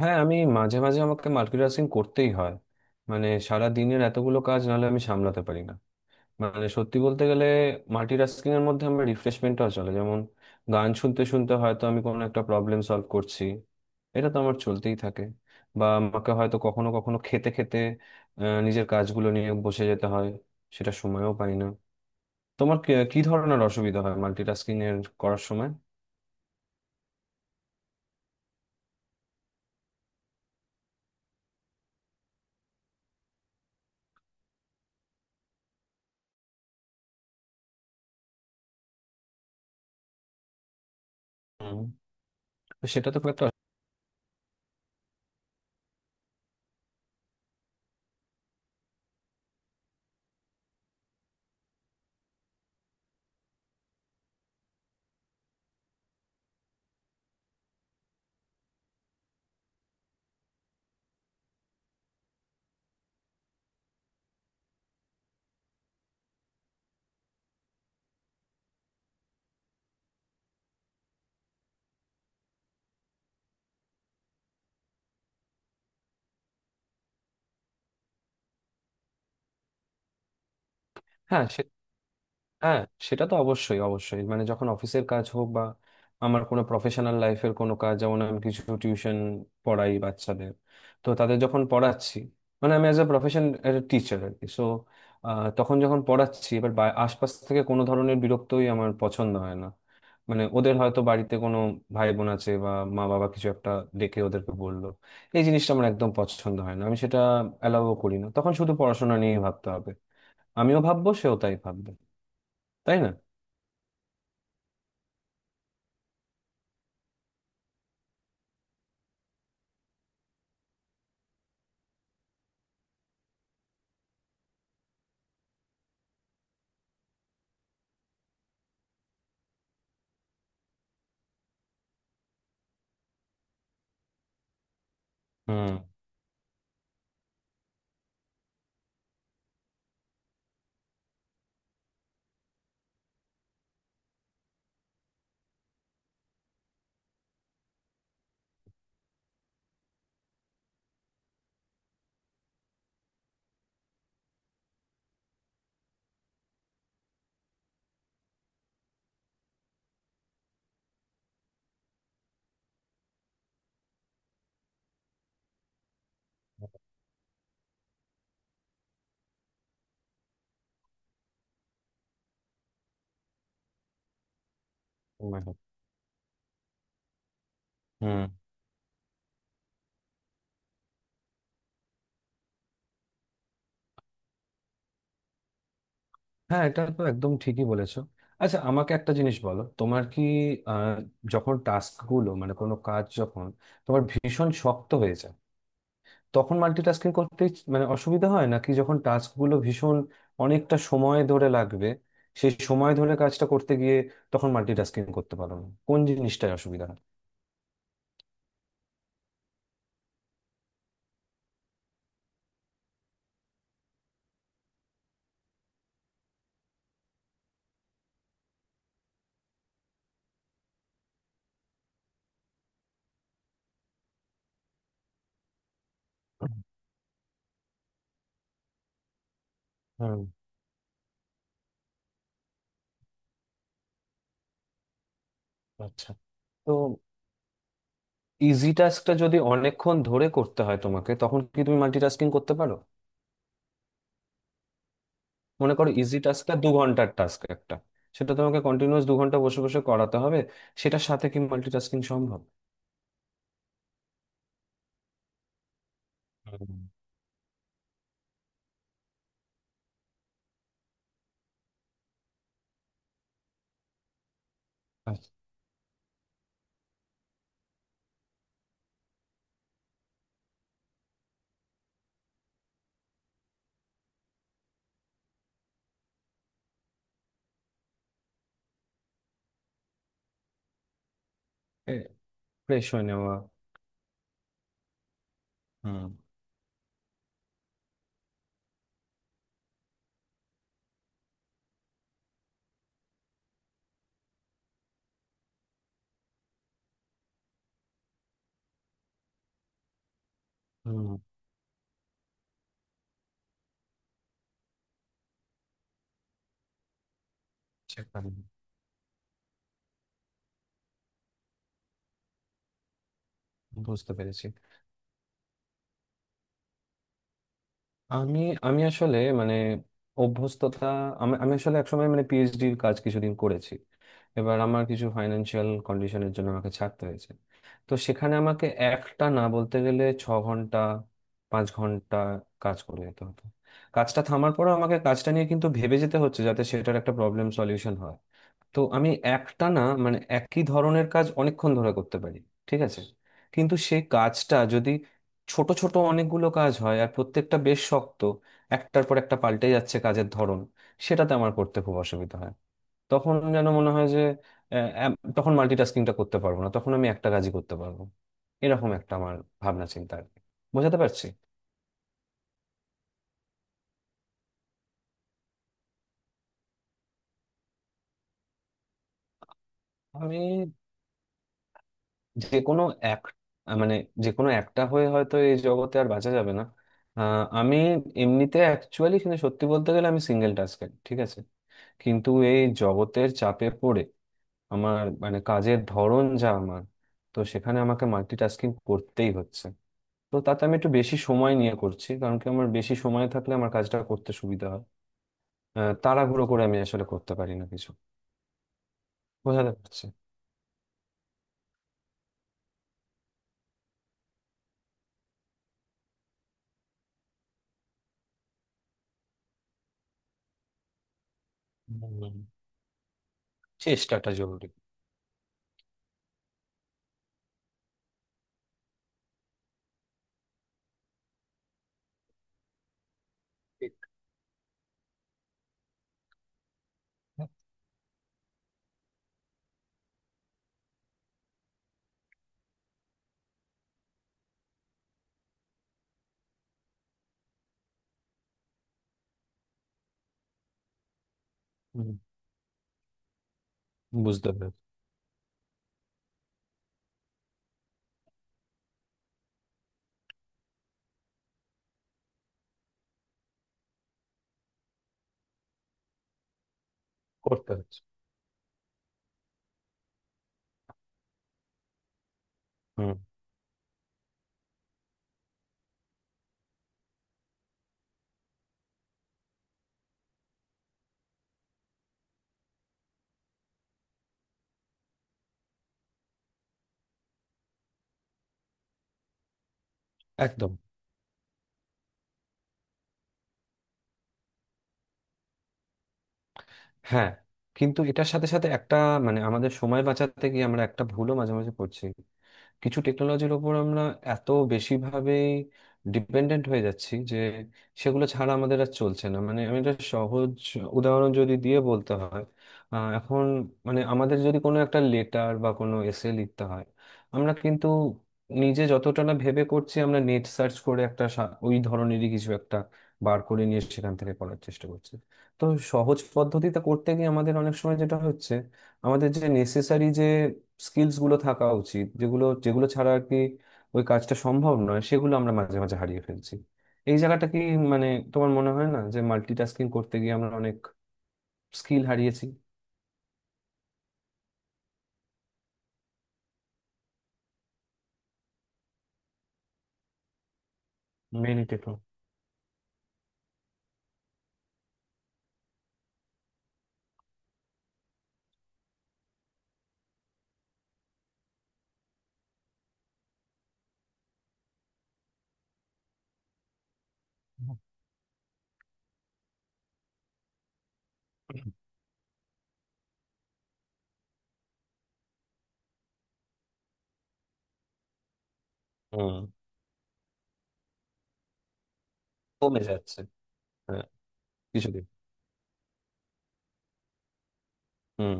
হ্যাঁ, আমি মাঝে মাঝে আমাকে মাল্টিটাস্কিং করতেই হয়। মানে সারা দিনের এতগুলো কাজ নাহলে আমি সামলাতে পারি না। মানে সত্যি বলতে গেলে মাল্টিটাস্কিং এর মধ্যে আমার রিফ্রেশমেন্টও চলে, যেমন গান শুনতে শুনতে হয়তো আমি কোনো একটা প্রবলেম সলভ করছি। এটা তো আমার চলতেই থাকে। বা আমাকে হয়তো কখনো কখনো খেতে খেতে নিজের কাজগুলো নিয়ে বসে যেতে হয়। সেটা সময়ও পাই না। তোমার কি কি ধরনের অসুবিধা হয় মাল্টিটাস্কিং এর করার সময়? হুম। তো সেটা তো খুব একটা। হ্যাঁ। হ্যাঁ। সেটা তো অবশ্যই অবশ্যই, মানে যখন অফিসের কাজ হোক বা আমার কোনো প্রফেশনাল লাইফের কোনো কাজ, যেমন আমি কিছু টিউশন পড়াই বাচ্চাদের। তো তাদের যখন পড়াচ্ছি, মানে আমি অ্যাজ এ প্রফেশন টিচার আর কি, সো তখন যখন পড়াচ্ছি এবার আশপাশ থেকে কোনো ধরনের বিরক্তই আমার পছন্দ হয় না। মানে ওদের হয়তো বাড়িতে কোনো ভাই বোন আছে বা মা বাবা কিছু একটা ডেকে ওদেরকে বললো, এই জিনিসটা আমার একদম পছন্দ হয় না। আমি সেটা অ্যালাউও করি না, তখন শুধু পড়াশোনা নিয়ে ভাবতে হবে। আমিও ভাববো, সেও তাই ভাববে, তাই না? হুম। মনে হয়। হুম। হ্যাঁ, এটা তো একদম ঠিকই বলেছো। আচ্ছা, আমাকে একটা জিনিস বলো, তোমার কি আহ, যখন টাস্ক গুলো, মানে কোনো কাজ যখন তোমার ভীষণ শক্ত হয়ে যায়, তখন মাল্টিটাস্কিং করতে মানে অসুবিধা হয় নাকি যখন টাস্ক গুলো ভীষণ অনেকটা সময় ধরে লাগবে, সেই সময় ধরে কাজটা করতে গিয়ে তখন মাল্টিটাস্কিং করতে পারো না? কোন জিনিসটায় অসুবিধা হয়? হুম। আচ্ছা। তো ইজি টাস্কটা যদি অনেকক্ষণ ধরে করতে হয় তোমাকে, তখন কি তুমি মাল্টিটাস্কিং করতে পারো? মনে করো ইজি টাস্কটা 2 ঘন্টার টাস্ক একটা, সেটা তোমাকে কন্টিনিউয়াস 2 ঘন্টা বসে বসে করাতে হবে, সেটার সাথে কি মাল্টিটাস্কিং সম্ভব? হুম। এ ফ্রেশ হয়ে নেওয়া। হুম, হুম। সেখানে। বুঝতে পেরেছি। আমি আমি আসলে মানে অভ্যস্ততা, আমি আমি আসলে একসময় মানে পিএইচডির কাজ কিছুদিন করেছি। এবার আমার কিছু ফাইন্যান্সিয়াল কন্ডিশনের জন্য আমাকে ছাড়তে হয়েছে। তো সেখানে আমাকে একটা না বলতে গেলে 6 ঘন্টা 5 ঘন্টা কাজ করে যেতে হতো। কাজটা থামার পরেও আমাকে কাজটা নিয়ে কিন্তু ভেবে যেতে হচ্ছে, যাতে সেটার একটা প্রবলেম সলিউশন হয়। তো আমি একটা না মানে একই ধরনের কাজ অনেকক্ষণ ধরে করতে পারি, ঠিক আছে। কিন্তু সেই কাজটা যদি ছোট ছোট অনেকগুলো কাজ হয় আর প্রত্যেকটা বেশ শক্ত, একটার পর একটা পাল্টে যাচ্ছে কাজের ধরন, সেটাতে আমার করতে খুব অসুবিধা হয়। তখন যেন মনে হয় যে তখন মাল্টিটাস্কিংটা করতে পারবো না, তখন আমি একটা কাজই করতে পারবো। এরকম একটা আমার ভাবনা চিন্তা আর কি, বোঝাতে পারছি? আমি যে কোনো এক মানে যে কোনো একটা হয়ে হয়তো এই জগতে আর বাঁচা যাবে না। আমি এমনিতে অ্যাকচুয়ালি কিন্তু সত্যি বলতে গেলে আমি সিঙ্গেল টাস্কার, ঠিক আছে। কিন্তু এই জগতের চাপে পড়ে আমার মানে কাজের ধরন যা আমার, তো সেখানে আমাকে মাল্টিটাস্কিং করতেই হচ্ছে। তো তাতে আমি একটু বেশি সময় নিয়ে করছি, কারণ কি আমার বেশি সময় থাকলে আমার কাজটা করতে সুবিধা হয়। তাড়াহুড়ো করে আমি আসলে করতে পারি না কিছু। বোঝাতে পারছি। হুম। চেষ্টাটা জরুরি। হুম। বুঝতে পেরেছি। করতে হচ্ছে। হুম। একদম। হ্যাঁ। কিন্তু এটার সাথে সাথে একটা মানে আমাদের সময় বাঁচাতে গিয়ে আমরা একটা ভুলও মাঝে মাঝে করছি, কিছু টেকনোলজির ওপর আমরা এত বেশিভাবেই ডিপেন্ডেন্ট হয়ে যাচ্ছি যে সেগুলো ছাড়া আমাদের আর চলছে না। মানে আমি একটা সহজ উদাহরণ যদি দিয়ে বলতে হয়, এখন মানে আমাদের যদি কোনো একটা লেটার বা কোনো এসে লিখতে হয়, আমরা কিন্তু নিজে যতটা না ভেবে করছি, আমরা নেট সার্চ করে একটা ওই ধরনেরই কিছু একটা বার করে নিয়ে সেখান থেকে পড়ার চেষ্টা করছি। তো সহজ পদ্ধতিতে করতে গিয়ে আমাদের অনেক সময় যেটা হচ্ছে, আমাদের যে নেসেসারি যে স্কিলস গুলো থাকা উচিত, যেগুলো যেগুলো ছাড়া আর কি ওই কাজটা সম্ভব নয়, সেগুলো আমরা মাঝে মাঝে হারিয়ে ফেলছি। এই জায়গাটা কি মানে তোমার মনে হয় না যে মাল্টিটাস্কিং করতে গিয়ে আমরা অনেক স্কিল হারিয়েছি? মেন ইট তো। হুম। কমে যাচ্ছে। হ্যাঁ। কিছুদিন। হুম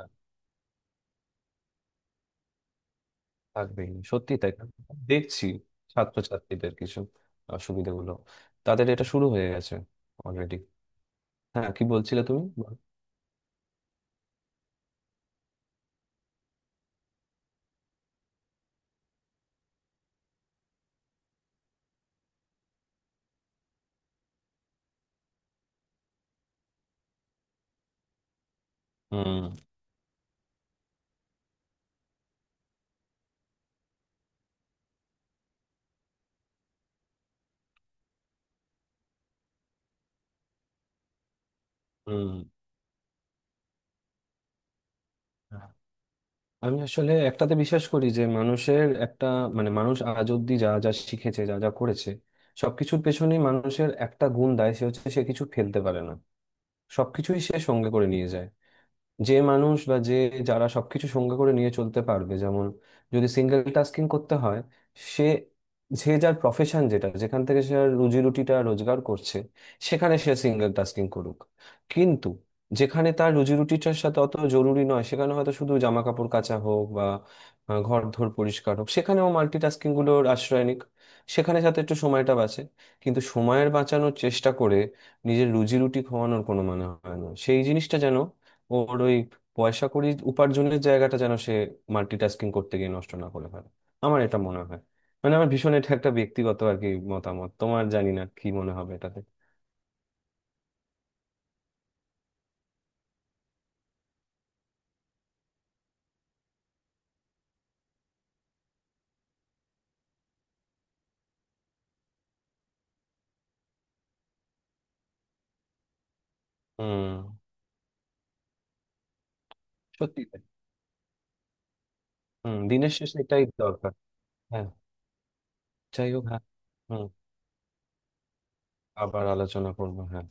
আর। থাকবেই না। সত্যি তাই। দেখছি ছাত্রছাত্রীদের কিছু অসুবিধাগুলো, তাদের এটা শুরু হয়ে গেছে অলরেডি। হ্যাঁ, কি বলছিলে তুমি? হুম হুম। আমি আসলে একটাতে বিশ্বাস করি, যে মানুষের একটা মানে মানুষ আজ অব্দি যা যা শিখেছে যা যা করেছে সবকিছুর পেছনেই মানুষের একটা গুণ দেয়, সে হচ্ছে সে কিছু ফেলতে পারে না, সবকিছুই সে সঙ্গে করে নিয়ে যায়। যে মানুষ বা যে যারা সবকিছু সঙ্গে করে নিয়ে চলতে পারবে, যেমন যদি সিঙ্গেল টাস্কিং করতে হয়, সে যে যার প্রফেশন যেটা যেখান থেকে সে আর রুজি রুটিটা রোজগার করছে, সেখানে সে সিঙ্গেল টাস্কিং করুক। কিন্তু যেখানে তার রুজি রুটিটার সাথে অত জরুরি নয়, সেখানে হয়তো শুধু জামা কাপড় কাচা হোক বা ঘর ধর পরিষ্কার হোক, সেখানেও মাল্টিটাস্কিং গুলোর আশ্রয় নিক। সেখানে সাথে একটু সময়টা বাঁচে। কিন্তু সময়ের বাঁচানোর চেষ্টা করে নিজের রুজি রুটি খোয়ানোর কোনো মানে হয় না, সেই জিনিসটা যেন, ওর ওই পয়সা কড়ি উপার্জনের জায়গাটা যেন সে মাল্টিটাস্কিং করতে গিয়ে নষ্ট না করে ফেলে, আমার এটা মনে হয়। মানে আমার ভীষণ এটা একটা ব্যক্তিগত আর কি মতামত, তোমার জানি না কি মনে হবে এটাতে। হুম, সত্যি তাই। হুম, দিনের শেষে এটাই দরকার। হ্যাঁ, যাই হোক, হ্যাঁ। হুম, আবার আলোচনা করবো, হ্যাঁ।